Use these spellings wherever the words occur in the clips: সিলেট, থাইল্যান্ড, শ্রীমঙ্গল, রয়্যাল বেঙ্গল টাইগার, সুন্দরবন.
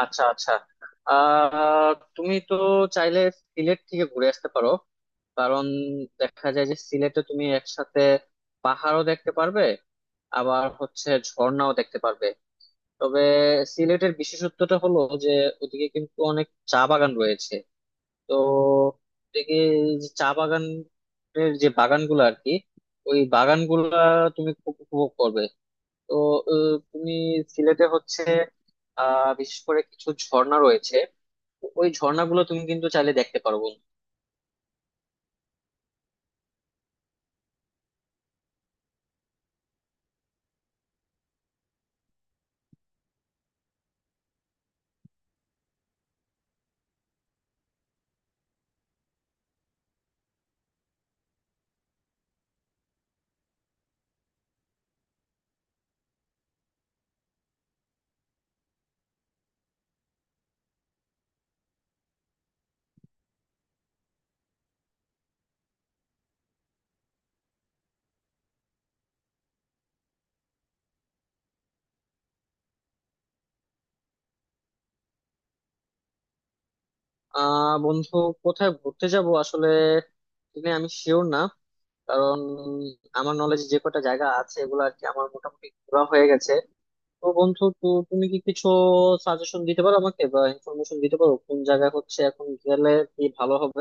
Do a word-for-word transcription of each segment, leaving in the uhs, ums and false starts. আচ্ছা, আচ্ছা। আহ তুমি তো চাইলে সিলেট থেকে ঘুরে আসতে পারো। কারণ দেখা যায় যে সিলেটে তুমি একসাথে পাহাড়ও দেখতে পারবে, আবার হচ্ছে ঝর্ণাও দেখতে পারবে। তবে সিলেটের বিশেষত্বটা হলো যে ওদিকে কিন্তু অনেক চা বাগান রয়েছে। তো ওদিকে যে চা বাগানের যে বাগানগুলো আর কি, ওই বাগানগুলা তুমি খুব উপভোগ করবে। তো আহ, তুমি সিলেটে হচ্ছে আহ বিশেষ করে কিছু ঝর্ণা রয়েছে, ওই ঝর্ণাগুলো তুমি কিন্তু চাইলে দেখতে পারো বন্ধু। আহ বন্ধু, কোথায় ঘুরতে যাব আসলে, তুমি আমি শিওর না। কারণ আমার নলেজ যে কটা জায়গা আছে এগুলো আর কি আমার মোটামুটি ঘোরা হয়ে গেছে। তো বন্ধু, তো তুমি কি কিছু সাজেশন দিতে পারো আমাকে বা ইনফরমেশন দিতে পারো কোন জায়গা হচ্ছে এখন গেলে কি ভালো হবে?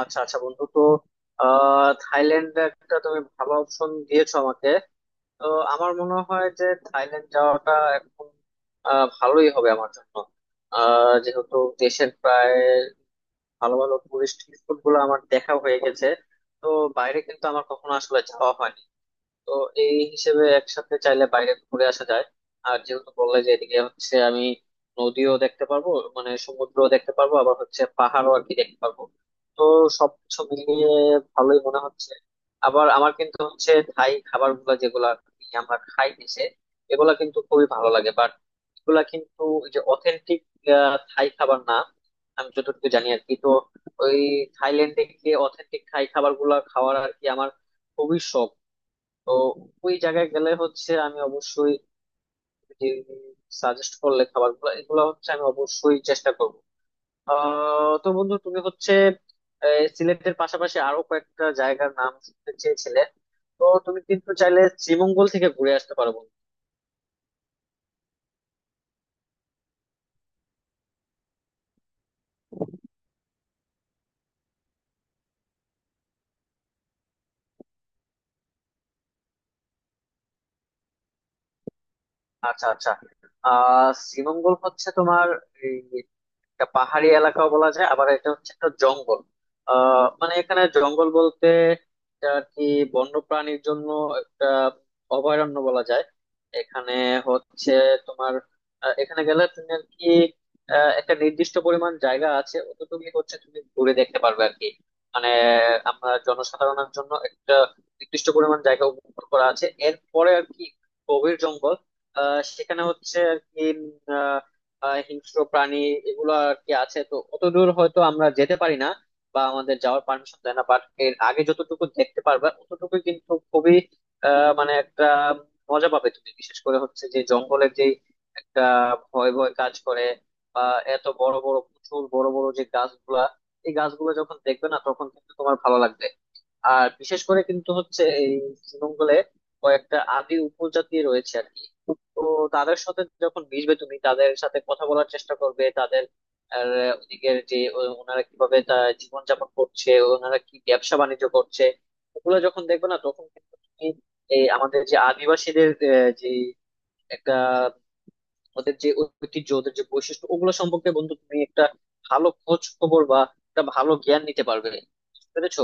আচ্ছা, আচ্ছা বন্ধু, তো আহ থাইল্যান্ড একটা তুমি ভালো অপশন দিয়েছো আমাকে। তো আমার মনে হয় যে থাইল্যান্ড যাওয়াটা এখন আহ, ভালোই হবে আমার জন্য। আহ, যেহেতু দেশের প্রায় ভালো ভালো টুরিস্ট স্পট গুলো আমার দেখা হয়ে গেছে, তো বাইরে কিন্তু আমার কখনো আসলে যাওয়া হয়নি। তো এই হিসেবে একসাথে চাইলে বাইরে ঘুরে আসা যায়। আর যেহেতু বললে যে এদিকে হচ্ছে আমি নদীও দেখতে পারবো, মানে সমুদ্রও দেখতে পারবো, আবার হচ্ছে পাহাড়ও আর কি দেখতে পারবো। তো সবকিছু মিলিয়ে ভালোই মনে হচ্ছে। আবার আমার কিন্তু হচ্ছে থাই খাবার গুলা যেগুলা আমরা খাই দেশে, এগুলা কিন্তু খুবই ভালো লাগে। বাট এগুলা কিন্তু ওই যে অথেন্টিক থাই খাবার না, আমি যতটুকু জানি আর কি। তো ওই থাইল্যান্ডে গিয়ে অথেন্টিক থাই খাবার গুলা খাওয়ার আর কি আমার খুবই শখ। তো ওই জায়গায় গেলে হচ্ছে আমি অবশ্যই যে সাজেস্ট করলে খাবার গুলো এগুলো হচ্ছে আমি অবশ্যই চেষ্টা করবো। আহ তো বন্ধু, তুমি হচ্ছে এই সিলেটের পাশাপাশি আরো কয়েকটা জায়গার নাম শুনতে চেয়েছিলে। তো তুমি কিন্তু চাইলে শ্রীমঙ্গল থেকে ঘুরে আসতে পারো বন্ধু। আচ্ছা, আচ্ছা। আহ শ্রীমঙ্গল হচ্ছে তোমার একটা পাহাড়ি এলাকাও বলা যায়, আবার এটা হচ্ছে একটা জঙ্গল। আহ মানে এখানে জঙ্গল বলতে, এটা আর কি বন্য প্রাণীর জন্য একটা অভয়ারণ্য বলা যায়। এখানে হচ্ছে তোমার আহ, এখানে গেলে তুমি আর কি আহ, একটা নির্দিষ্ট পরিমাণ জায়গা আছে, অতটুকুই হচ্ছে তুমি ঘুরে দেখতে পারবে আর কি। মানে আমরা জনসাধারণের জন্য একটা নির্দিষ্ট পরিমাণ জায়গা উপভোগ করা আছে, এরপরে আর কি গভীর জঙ্গল। আহ সেখানে হচ্ছে আর কি আহ হিংস্র প্রাণী এগুলো আর কি আছে, তো অতদূর হয়তো আমরা যেতে পারি না বা আমাদের যাওয়ার পারমিশন দেয় না। বাট এর আগে যতটুকু দেখতে পারবে ততটুকু কিন্তু খুবই আহ মানে একটা মজা পাবে তুমি। বিশেষ করে হচ্ছে যে জঙ্গলের যে একটা ভয় ভয় কাজ করে, বা এত বড় বড় প্রচুর বড় বড় যে গাছগুলা, এই গাছগুলো যখন দেখবে না তখন কিন্তু তোমার ভালো লাগবে। আর বিশেষ করে কিন্তু হচ্ছে এই শ্রীমঙ্গলে কয়েকটা আদি উপজাতি রয়েছে আর কি। তো তাদের সাথে যখন মিশবে, তুমি তাদের সাথে কথা বলার চেষ্টা করবে, তাদের আর ওদিকের যে ও- ওনারা কিভাবে তা জীবনযাপন করছে, ওনারা কি ব্যবসা বাণিজ্য করছে, ওগুলো যখন দেখবে না তখন কিন্তু তুমি এই আমাদের যে আদিবাসীদের আহ, যে একটা ওদের যে ঐতিহ্য, ওদের যে বৈশিষ্ট্য, ওগুলো সম্পর্কে বন্ধু তুমি একটা ভালো খোঁজ খবর বা একটা ভালো জ্ঞান নিতে পারবে। বুঝতে পেরেছো?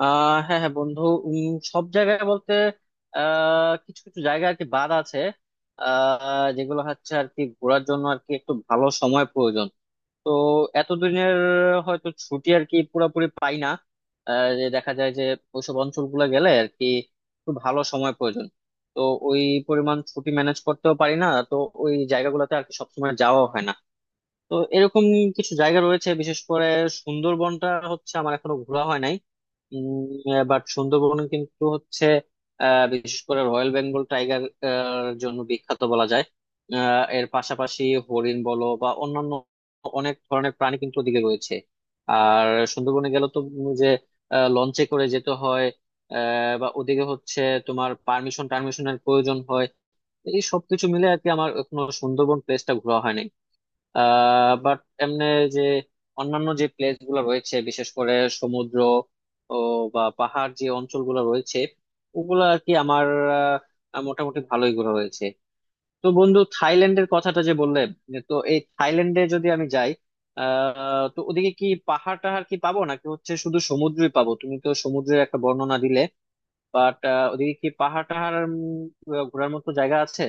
আহ হ্যাঁ, হ্যাঁ বন্ধু। উম, সব জায়গায় বলতে আহ কিছু কিছু জায়গা আর কি বাদ আছে। আহ যেগুলো হচ্ছে আর কি ঘোরার জন্য আর কি একটু ভালো সময় প্রয়োজন। তো এতদিনের হয়তো ছুটি আর কি পুরোপুরি পাই না। আহ, যে দেখা যায় যে ওইসব অঞ্চলগুলো গেলে আর কি একটু ভালো সময় প্রয়োজন। তো ওই পরিমাণ ছুটি ম্যানেজ করতেও পারি না, তো ওই জায়গাগুলোতে আর কি সবসময় যাওয়া হয় না। তো এরকম কিছু জায়গা রয়েছে, বিশেষ করে সুন্দরবনটা হচ্ছে আমার এখনো ঘোরা হয় নাই। বাট সুন্দরবন কিন্তু হচ্ছে আহ, বিশেষ করে রয়্যাল বেঙ্গল টাইগার জন্য বিখ্যাত বলা যায়। আহ, এর পাশাপাশি হরিণ বলো বা অন্যান্য অনেক ধরনের প্রাণী কিন্তু ওদিকে রয়েছে। আর সুন্দরবনে গেলে তো উম যে আহ, লঞ্চে করে যেতে হয়, আহ, বা ওদিকে হচ্ছে তোমার পারমিশন টারমিশনের প্রয়োজন হয়। এই সবকিছু মিলে আর কি আমার এখনো সুন্দরবন প্লেসটা ঘোরা হয়নি। আহ বাট এমনি যে অন্যান্য যে প্লেস গুলো রয়েছে বিশেষ করে সমুদ্র ও বা পাহাড় যে অঞ্চলগুলো রয়েছে, ওগুলো আর কি আমার আহ, মোটামুটি ভালোই ঘোরা হয়েছে। তো বন্ধু, থাইল্যান্ডের কথাটা যে বললে, তো এই থাইল্যান্ডে যদি আমি যাই আহ তো ওদিকে কি পাহাড় টাহাড় কি পাবো, নাকি হচ্ছে শুধু সমুদ্রই পাবো? তুমি তো সমুদ্রের একটা বর্ণনা দিলে, বাট ওদিকে কি পাহাড় টাহাড় উম, ঘোরার মতো জায়গা আছে?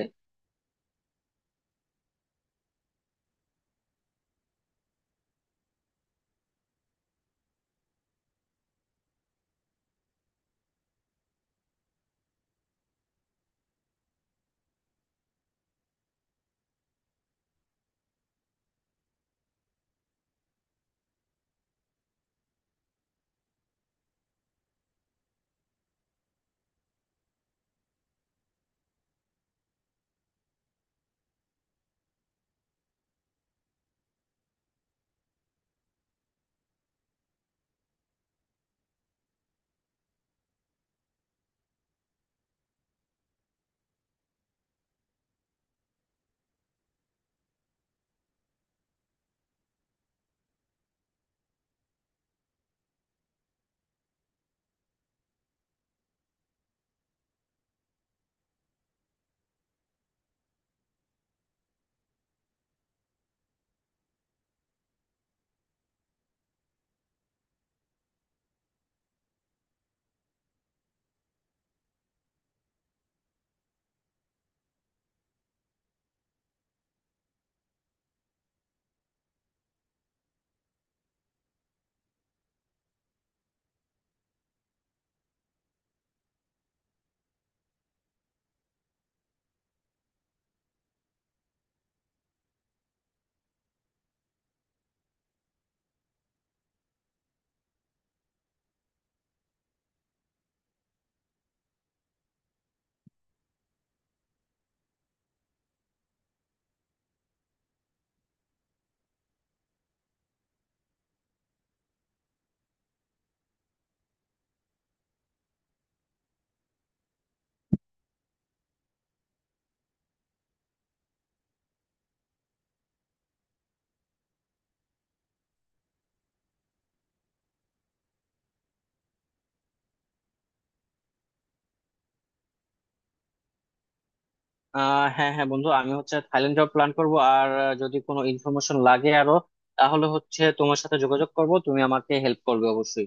আহ হ্যাঁ, হ্যাঁ বন্ধু, আমি হচ্ছে থাইল্যান্ড যাওয়ার প্ল্যান করব। আর আহ, যদি কোনো ইনফরমেশন লাগে আরো, তাহলে হচ্ছে তোমার সাথে যোগাযোগ করব, তুমি আমাকে হেল্প করবে অবশ্যই।